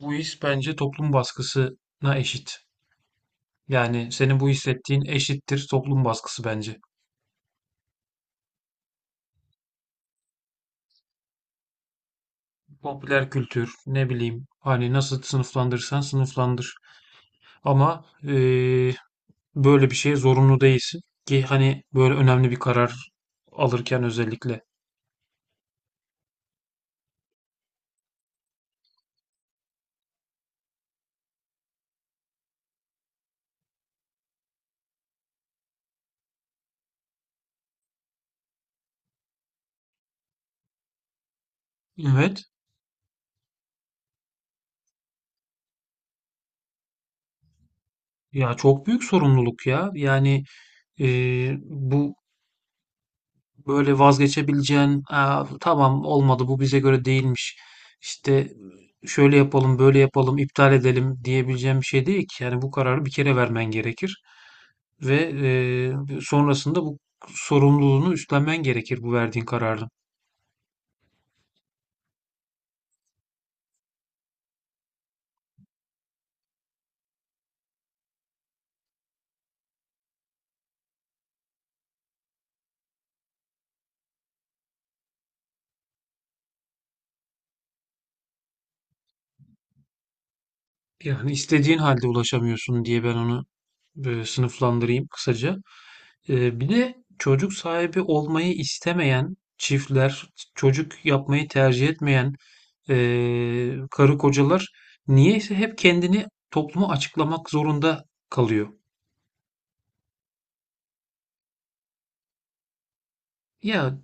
Bu his bence toplum baskısına eşit. Yani senin bu hissettiğin eşittir toplum baskısı bence. Popüler kültür, ne bileyim, hani nasıl sınıflandırırsan sınıflandır. Ama böyle bir şeye zorunlu değilsin ki hani böyle önemli bir karar alırken özellikle. Evet. Ya çok büyük sorumluluk ya. Yani e, bu böyle vazgeçebileceğin, "Aa, tamam olmadı, bu bize göre değilmiş. İşte şöyle yapalım, böyle yapalım, iptal edelim," diyebileceğim bir şey değil ki. Yani bu kararı bir kere vermen gerekir ve sonrasında bu sorumluluğunu üstlenmen gerekir, bu verdiğin kararın. Yani istediğin halde ulaşamıyorsun diye ben onu böyle sınıflandırayım kısaca. Bir de çocuk sahibi olmayı istemeyen çiftler, çocuk yapmayı tercih etmeyen karı kocalar niyeyse hep kendini topluma açıklamak zorunda kalıyor. Ya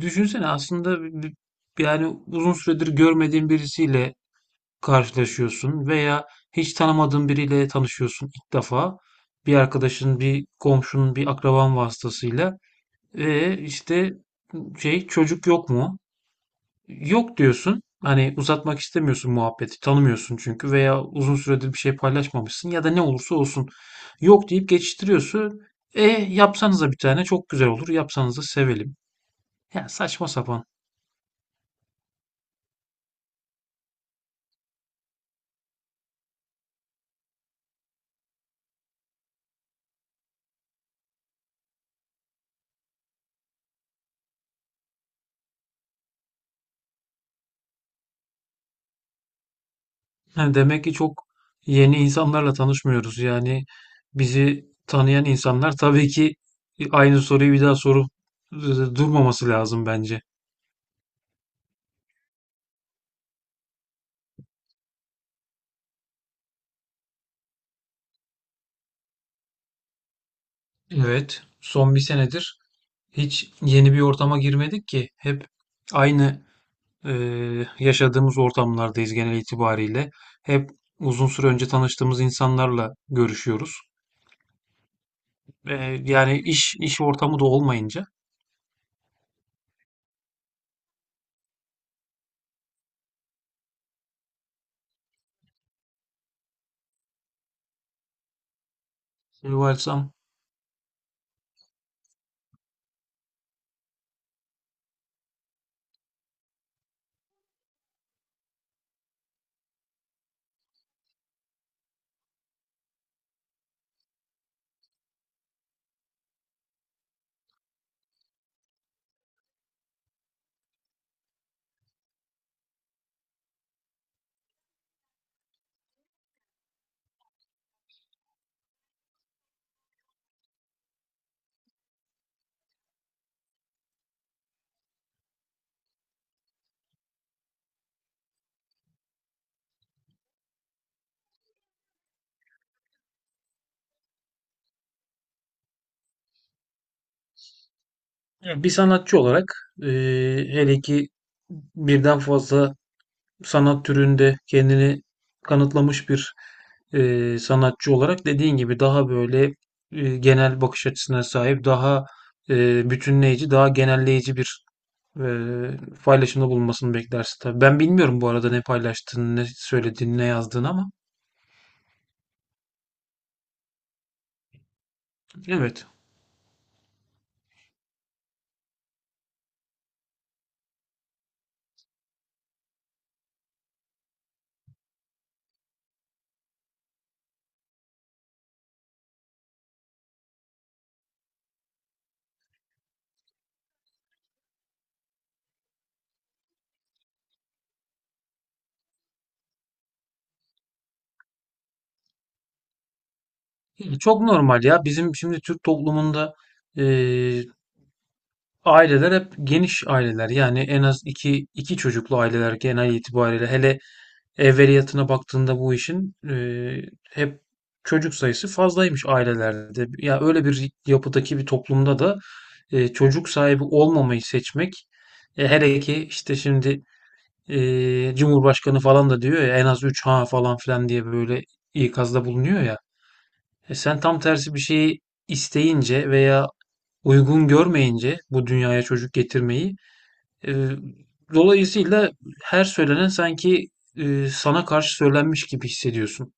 düşünsene, aslında yani uzun süredir görmediğin birisiyle karşılaşıyorsun veya hiç tanımadığın biriyle tanışıyorsun ilk defa. Bir arkadaşın, bir komşunun, bir akraban vasıtasıyla ve işte, şey, çocuk yok mu? Yok diyorsun. Hani uzatmak istemiyorsun muhabbeti. Tanımıyorsun çünkü, veya uzun süredir bir şey paylaşmamışsın ya da ne olursa olsun. Yok deyip geçiştiriyorsun. E yapsanıza, bir tane çok güzel olur. Yapsanıza, sevelim. Ya, saçma sapan. Yani demek ki çok yeni insanlarla tanışmıyoruz. Yani bizi tanıyan insanlar tabii ki aynı soruyu bir daha sorup e, durmaması lazım bence. Evet, son bir senedir hiç yeni bir ortama girmedik ki. Hep aynı e, yaşadığımız ortamlardayız genel itibariyle. Hep uzun süre önce tanıştığımız insanlarla görüşüyoruz. E, Yani iş ortamı da olmayınca. Varsam. Ya, bir sanatçı olarak, e, hele ki birden fazla sanat türünde kendini kanıtlamış bir sanatçı olarak, dediğin gibi, daha böyle genel bakış açısına sahip, daha bütünleyici, daha genelleyici bir e, paylaşımda bulunmasını beklersin tabii. Ben bilmiyorum bu arada ne paylaştığını, ne söylediğini, ne yazdığını, ama evet. Yani çok normal ya. Bizim şimdi Türk toplumunda e, aileler hep geniş aileler, yani en az iki çocuklu aileler genel itibariyle, hele evveliyatına baktığında bu işin, hep çocuk sayısı fazlaymış ailelerde. Ya öyle bir yapıdaki bir toplumda da çocuk sahibi olmamayı seçmek, hele ki işte şimdi Cumhurbaşkanı falan da diyor ya, en az 3 ha falan filan diye, böyle ikazda bulunuyor ya. E, sen tam tersi bir şeyi isteyince veya uygun görmeyince bu dünyaya çocuk getirmeyi, ee, dolayısıyla her söylenen sanki sana karşı söylenmiş gibi hissediyorsun.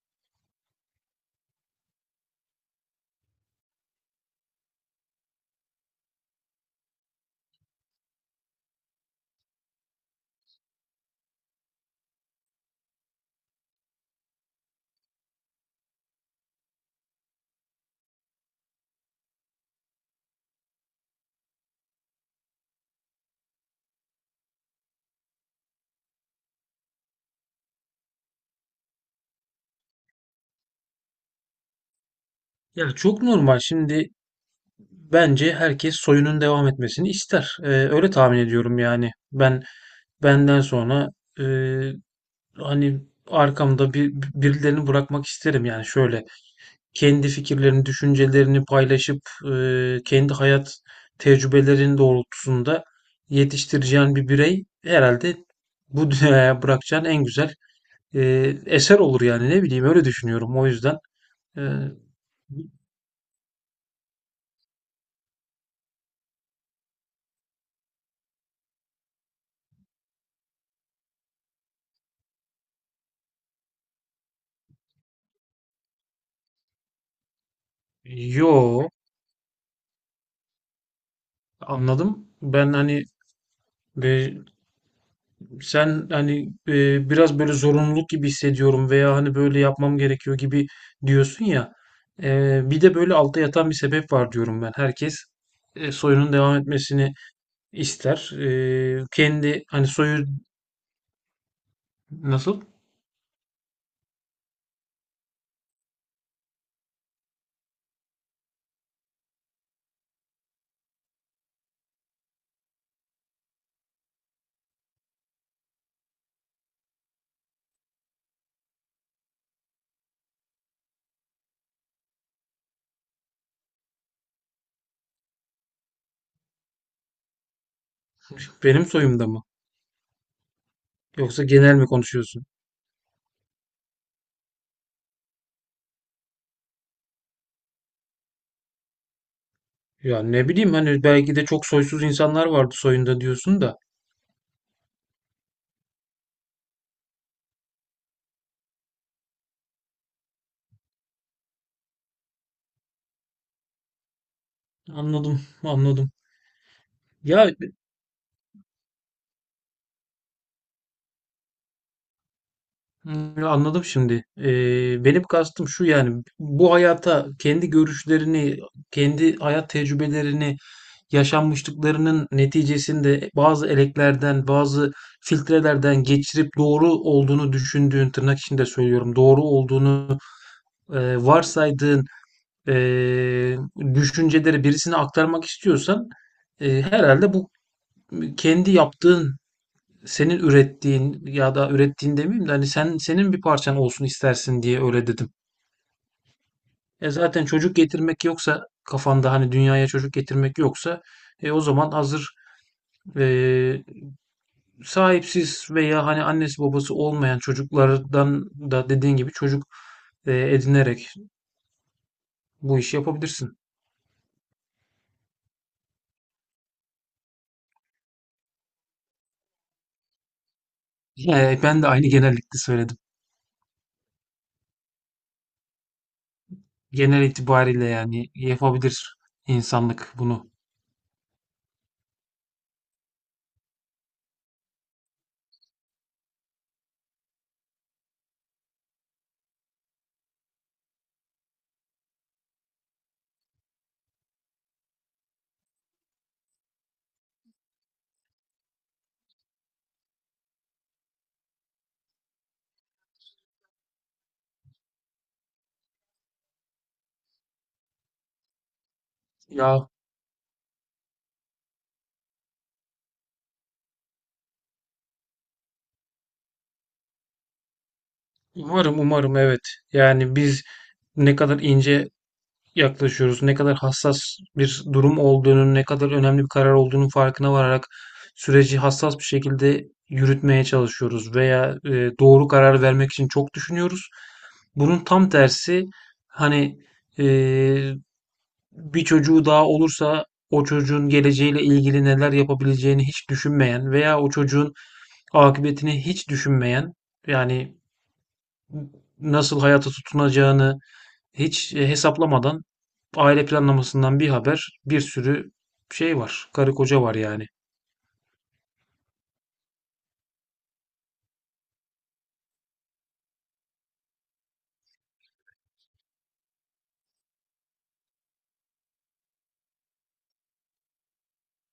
Ya çok normal. Şimdi bence herkes soyunun devam etmesini ister. Öyle tahmin ediyorum yani. Ben benden sonra, e, hani arkamda bir birilerini bırakmak isterim, yani şöyle kendi fikirlerini, düşüncelerini paylaşıp, e, kendi hayat tecrübelerinin doğrultusunda yetiştireceğin bir birey herhalde bu dünyaya bırakacağın en güzel e, eser olur yani. Ne bileyim, öyle düşünüyorum o yüzden. E, yo, anladım. Ben hani, e, sen hani, biraz böyle zorunluluk gibi hissediyorum veya hani böyle yapmam gerekiyor gibi diyorsun ya. Bir de böyle altta yatan bir sebep var diyorum ben. Herkes soyunun devam etmesini ister. Kendi hani soyu nasıl? Benim soyumda mı? Yoksa genel mi konuşuyorsun? Ya ne bileyim, hani belki de çok soysuz insanlar vardı soyunda diyorsun da. Anladım, anladım. Ya, anladım şimdi. Benim kastım şu, yani bu hayata kendi görüşlerini, kendi hayat tecrübelerini, yaşanmışlıklarının neticesinde bazı eleklerden, bazı filtrelerden geçirip doğru olduğunu düşündüğün, tırnak içinde söylüyorum, doğru olduğunu varsaydığın e, düşünceleri birisine aktarmak istiyorsan, herhalde bu kendi yaptığın, senin ürettiğin, ya da ürettiğin demeyeyim de, hani sen, senin bir parçan olsun istersin diye öyle dedim. Zaten çocuk getirmek yoksa kafanda, hani dünyaya çocuk getirmek yoksa, o zaman hazır, e, sahipsiz veya hani annesi babası olmayan çocuklardan da, dediğin gibi, çocuk edinerek bu işi yapabilirsin. Ben de aynı genellikle söyledim. Genel itibariyle, yani yapabilir insanlık bunu. Ya umarım, umarım, evet. Yani biz ne kadar ince yaklaşıyoruz. Ne kadar hassas bir durum olduğunun, ne kadar önemli bir karar olduğunun farkına vararak süreci hassas bir şekilde yürütmeye çalışıyoruz veya doğru karar vermek için çok düşünüyoruz. Bunun tam tersi, hani, e, bir çocuğu daha olursa o çocuğun geleceğiyle ilgili neler yapabileceğini hiç düşünmeyen veya o çocuğun akıbetini hiç düşünmeyen, yani nasıl hayata tutunacağını hiç, hesaplamadan, aile planlamasından bir haber, bir sürü şey var, karı koca var yani.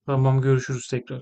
Tamam, görüşürüz tekrar.